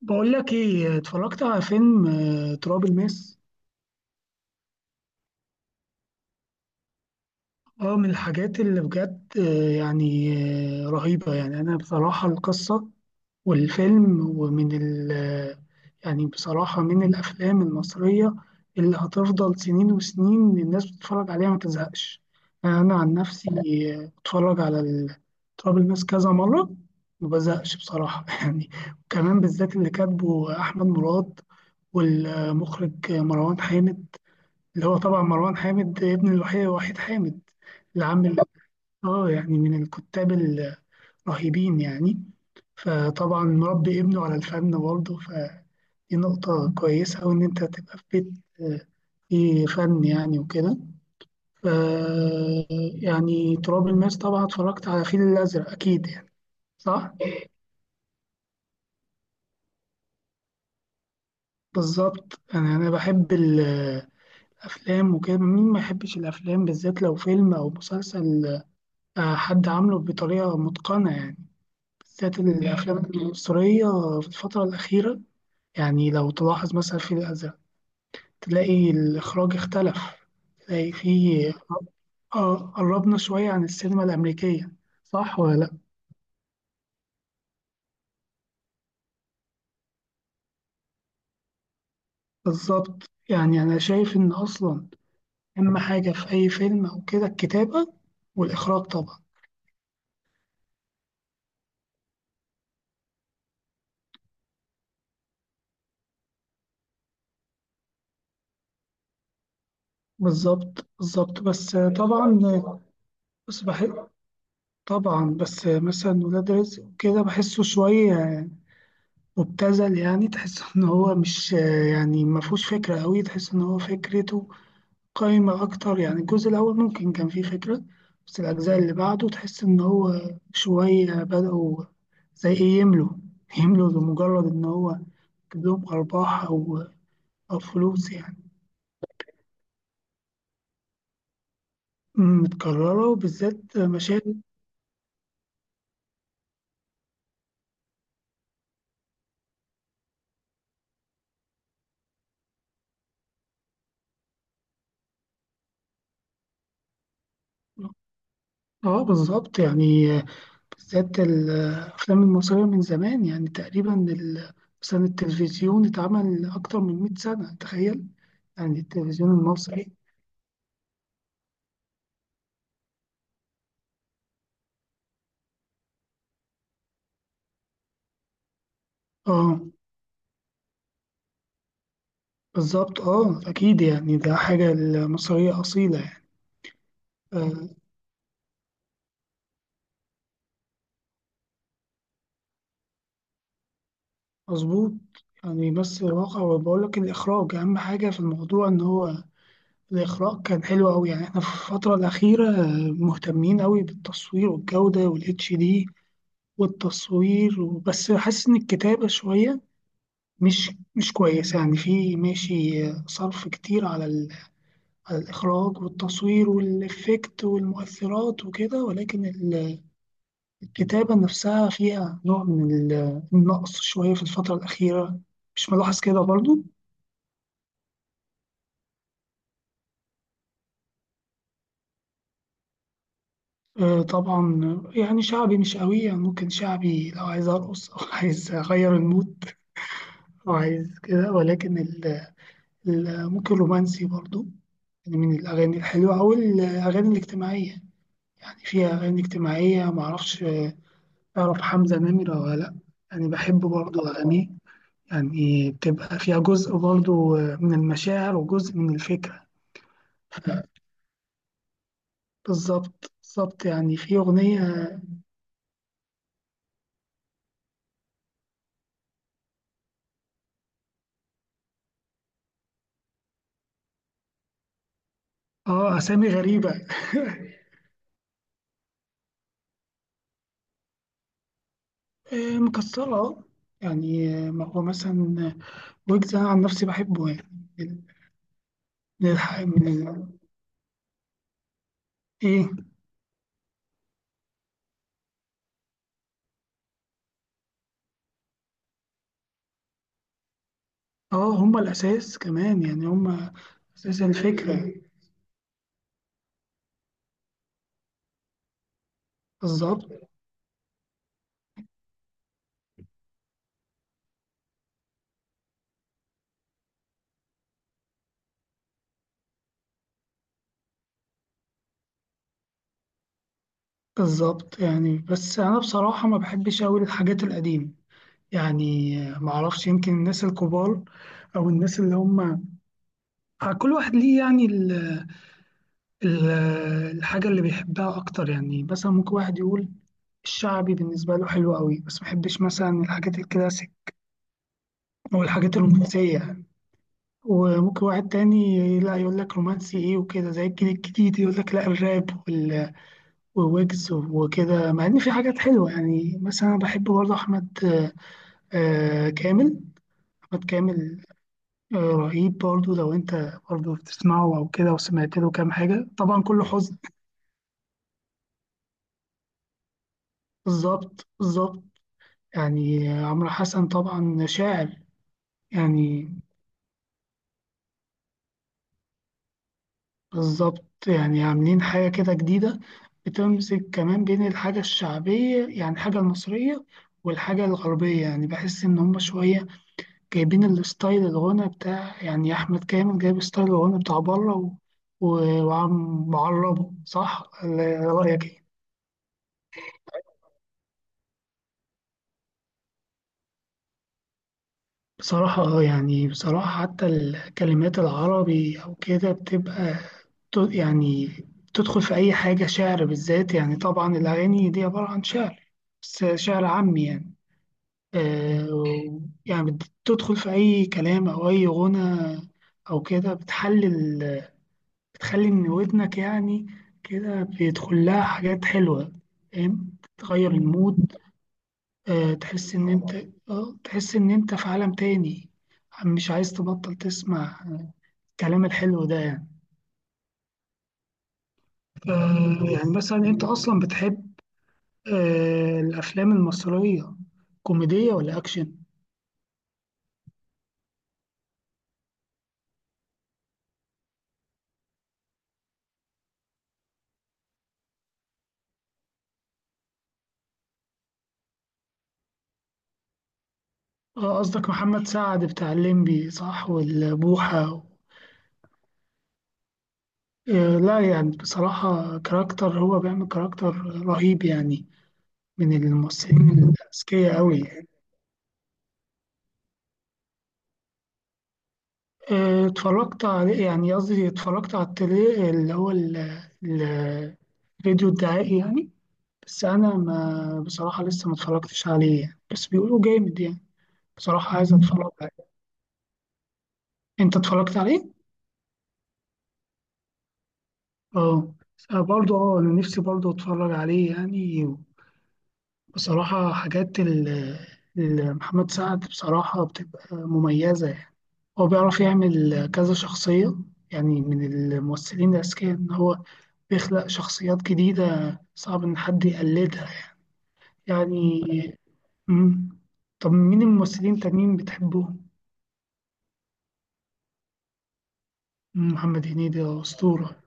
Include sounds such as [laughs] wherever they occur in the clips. بقول لك ايه، اتفرجت على فيلم تراب الماس. اه، من الحاجات اللي بجد، رهيبة يعني. انا بصراحة القصة والفيلم ومن ال آه، يعني بصراحة من الافلام المصرية اللي هتفضل سنين وسنين الناس بتتفرج عليها ما تزهقش. انا عن نفسي بتفرج على تراب الماس كذا مرة ما بزهقش بصراحة [laughs] يعني. وكمان بالذات اللي كاتبه احمد مراد والمخرج مروان حامد، اللي هو طبعا مروان حامد ابن الوحيد وحيد حامد، اللي عامل اه يعني من الكتاب الرهيبين يعني. فطبعا مربي ابنه على الفن برضه، فدي نقطة كويسة، وإن أنت تبقى في بيت آه، فيه فن يعني وكده. ف يعني تراب الماس طبعا اتفرجت على الفيل الأزرق أكيد يعني. صح؟ بالظبط، أنا بحب الأفلام وكده. مين ما يحبش الأفلام، بالذات لو فيلم أو مسلسل حد عامله بطريقة متقنة يعني، بالذات الأفلام المصرية في الفترة الأخيرة. يعني لو تلاحظ مثلا في الأزرق، تلاقي الإخراج اختلف، تلاقي فيه قربنا شوية عن السينما الأمريكية. صح ولا لأ؟ بالظبط يعني، أنا شايف إن أصلا أهم حاجة في أي فيلم أو كده الكتابة والإخراج طبعا. بالظبط بالظبط، بس طبعا، بس بحس. طبعا بس مثلا ولاد رزق وكده بحسه شوية مبتذل، يعني تحس ان هو مش يعني ما فيهوش فكره قوي، تحس ان هو فكرته قايمه اكتر. يعني الجزء الاول ممكن كان فيه فكره، بس الاجزاء اللي بعده تحس ان هو شويه بداوا، زي ايه، يملوا [laughs] يملوا لمجرد ان هو يجيب لهم ارباح او فلوس يعني. متكرره، وبالذات مشاهد. اه بالظبط يعني، بالذات الأفلام المصرية من زمان يعني تقريبا مثلا التلفزيون اتعمل أكتر من 100 سنة تخيل، يعني التلفزيون المصري. اه بالظبط، اه أكيد يعني ده حاجة المصرية أصيلة يعني آه، مظبوط. يعني بس الواقع، وبقول لك الإخراج أهم حاجة في الموضوع، إن هو الإخراج كان حلو أوي. يعني إحنا في الفترة الأخيرة مهتمين أوي بالتصوير والجودة والاتش دي والتصوير، وبس حاسس إن الكتابة شوية مش كويسة يعني. في ماشي صرف كتير على الإخراج والتصوير والإفكت والمؤثرات وكده، ولكن الكتابة نفسها فيها نوع من النقص شوية في الفترة الأخيرة. مش ملاحظ كده برضو؟ طبعا. يعني شعبي مش قوي يعني، ممكن شعبي لو عايز أرقص أو [laughs] عايز أغير المود أو عايز كده، ولكن ممكن رومانسي برضو يعني. من الأغاني الحلوة أو الأغاني الاجتماعية، يعني فيها أغاني اجتماعية معرفش. تعرف حمزة نمرة ولا لأ؟ يعني بحب برضو أغانيه، يعني بتبقى فيها جزء برضو من المشاعر وجزء من الفكرة. بالظبط بالظبط يعني، في أغنية. اه أسامي غريبة [laughs] مكسرة اه. يعني ما هو مثلا ويجز، أنا عن نفسي بحبه يعني، من من الح... من ال... إيه. اه هما الأساس كمان يعني، هما أساس الفكرة. بالظبط بالظبط يعني. بس أنا بصراحة ما بحبش أوي الحاجات القديمة، يعني معرفش. يمكن الناس الكبار او الناس اللي هم كل واحد ليه يعني الحاجه اللي بيحبها اكتر. يعني مثلا ممكن واحد يقول الشعبي بالنسبه له حلو قوي، بس ما بيحبش مثلا الحاجات الكلاسيك او الحاجات الرومانسيه يعني. وممكن واحد تاني لا، يقول لك رومانسي ايه وكده، زي الجيل الجديد يقول لك لا، الراب وويجز وكده، مع ان في حاجات حلوه يعني. مثلا انا بحب برضه احمد كامل، احمد كامل رهيب برضو. لو انت برضو بتسمعه او كده وسمعت له كام حاجه، طبعا كله حزن. بالظبط بالظبط يعني، عمرو حسن طبعا شاعر يعني. بالظبط يعني عاملين حاجه كده جديده، بتمسك كمان بين الحاجه الشعبيه يعني الحاجه المصريه والحاجه الغربيه، يعني بحس ان هم شويه جايبين الستايل الغنى بتاع يعني، احمد كامل جايب ستايل الغنى بتاع بره وعم معربه، صح ولا رايك ايه؟ بصراحة اه يعني، بصراحة حتى الكلمات العربي أو كده بتبقى يعني تدخل في أي حاجة شعر، بالذات يعني. طبعا الأغاني دي عبارة عن شعر، بس شعر عامي يعني آه و- يعني بتدخل في أي كلام أو أي غنى أو كده، بتحلل، بتخلي إن ودنك يعني كده بيدخل لها حاجات حلوة، فاهم، تغير المود. آه، تحس إن أنت تحس إن أنت في عالم تاني، مش عايز تبطل تسمع الكلام الحلو ده يعني. يعني مثلا أنت أصلا بتحب الأفلام المصرية، كوميدية ولا أكشن؟ قصدك محمد سعد بتاع الليمبي، صح، والبوحة لا يعني بصراحة كاركتر، هو بيعمل كاركتر رهيب يعني، من الممثلين الأذكياء أوي. اتفرجت عليه، يعني قصدي اتفرجت على التري اللي هو ال- الفيديو الدعائي يعني. بس أنا ما بصراحة لسه ما اتفرجتش عليه يعني. بس بيقولوا جامد يعني، بصراحة عايز أتفرج عليه. أنت اتفرجت عليه؟ اه. برضه اه، أنا نفسي برضه أتفرج عليه يعني، بصراحة. حاجات محمد سعد بصراحة بتبقى مميزة يعني، هو بيعرف يعمل كذا شخصية، يعني من الممثلين الأذكياء إن هو بيخلق شخصيات جديدة صعب إن حد يقلدها يعني. مم. طب مين الممثلين التانيين بتحبوهم؟ محمد هنيدي ده أسطورة.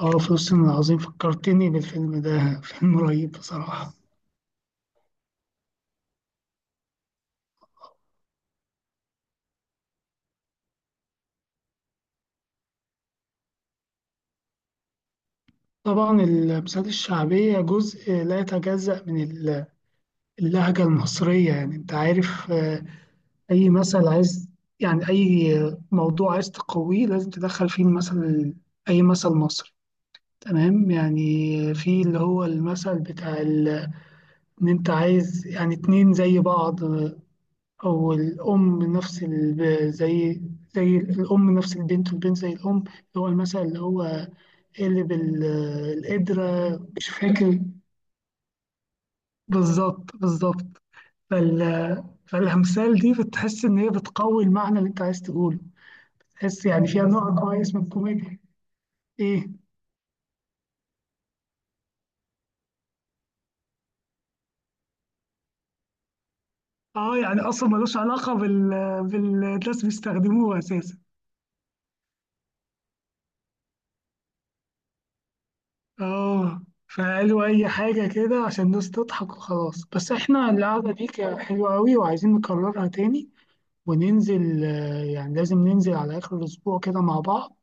اه فلسطين العظيم فكرتني بالفيلم ده [laughs] فيلم رهيب بصراحة. طبعا المسرحيات الشعبية جزء لا يتجزأ من اللهجة المصرية، يعني انت عارف. أي مثل عايز، يعني أي موضوع عايز تقويه لازم تدخل فيه مثل، أي مثل مصري تمام. يعني في اللي هو المثل بتاع ان انت عايز يعني اتنين زي بعض، او الام نفس زي، زي الام نفس البنت والبنت زي الام، اللي هو المثل اللي هو قلب القدرة مش فاكر. بالظبط بالظبط. فال... فالامثال دي بتحس ان هي بتقوي المعنى اللي انت عايز تقوله، تحس يعني فيها نوع كويس من الكوميديا. ايه، اه يعني اصلا ملوش علاقة بالناس بيستخدموها اساسا. اه فقالوا اي حاجة كده عشان الناس تضحك وخلاص. بس احنا القعدة دي كانت حلوة قوي، وعايزين نكررها تاني وننزل يعني لازم ننزل على اخر الاسبوع كده مع بعض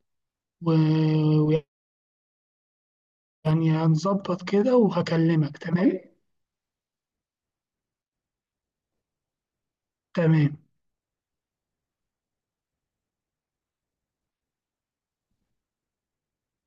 و- ويعني هنظبط كده وهكلمك تمام. تمام.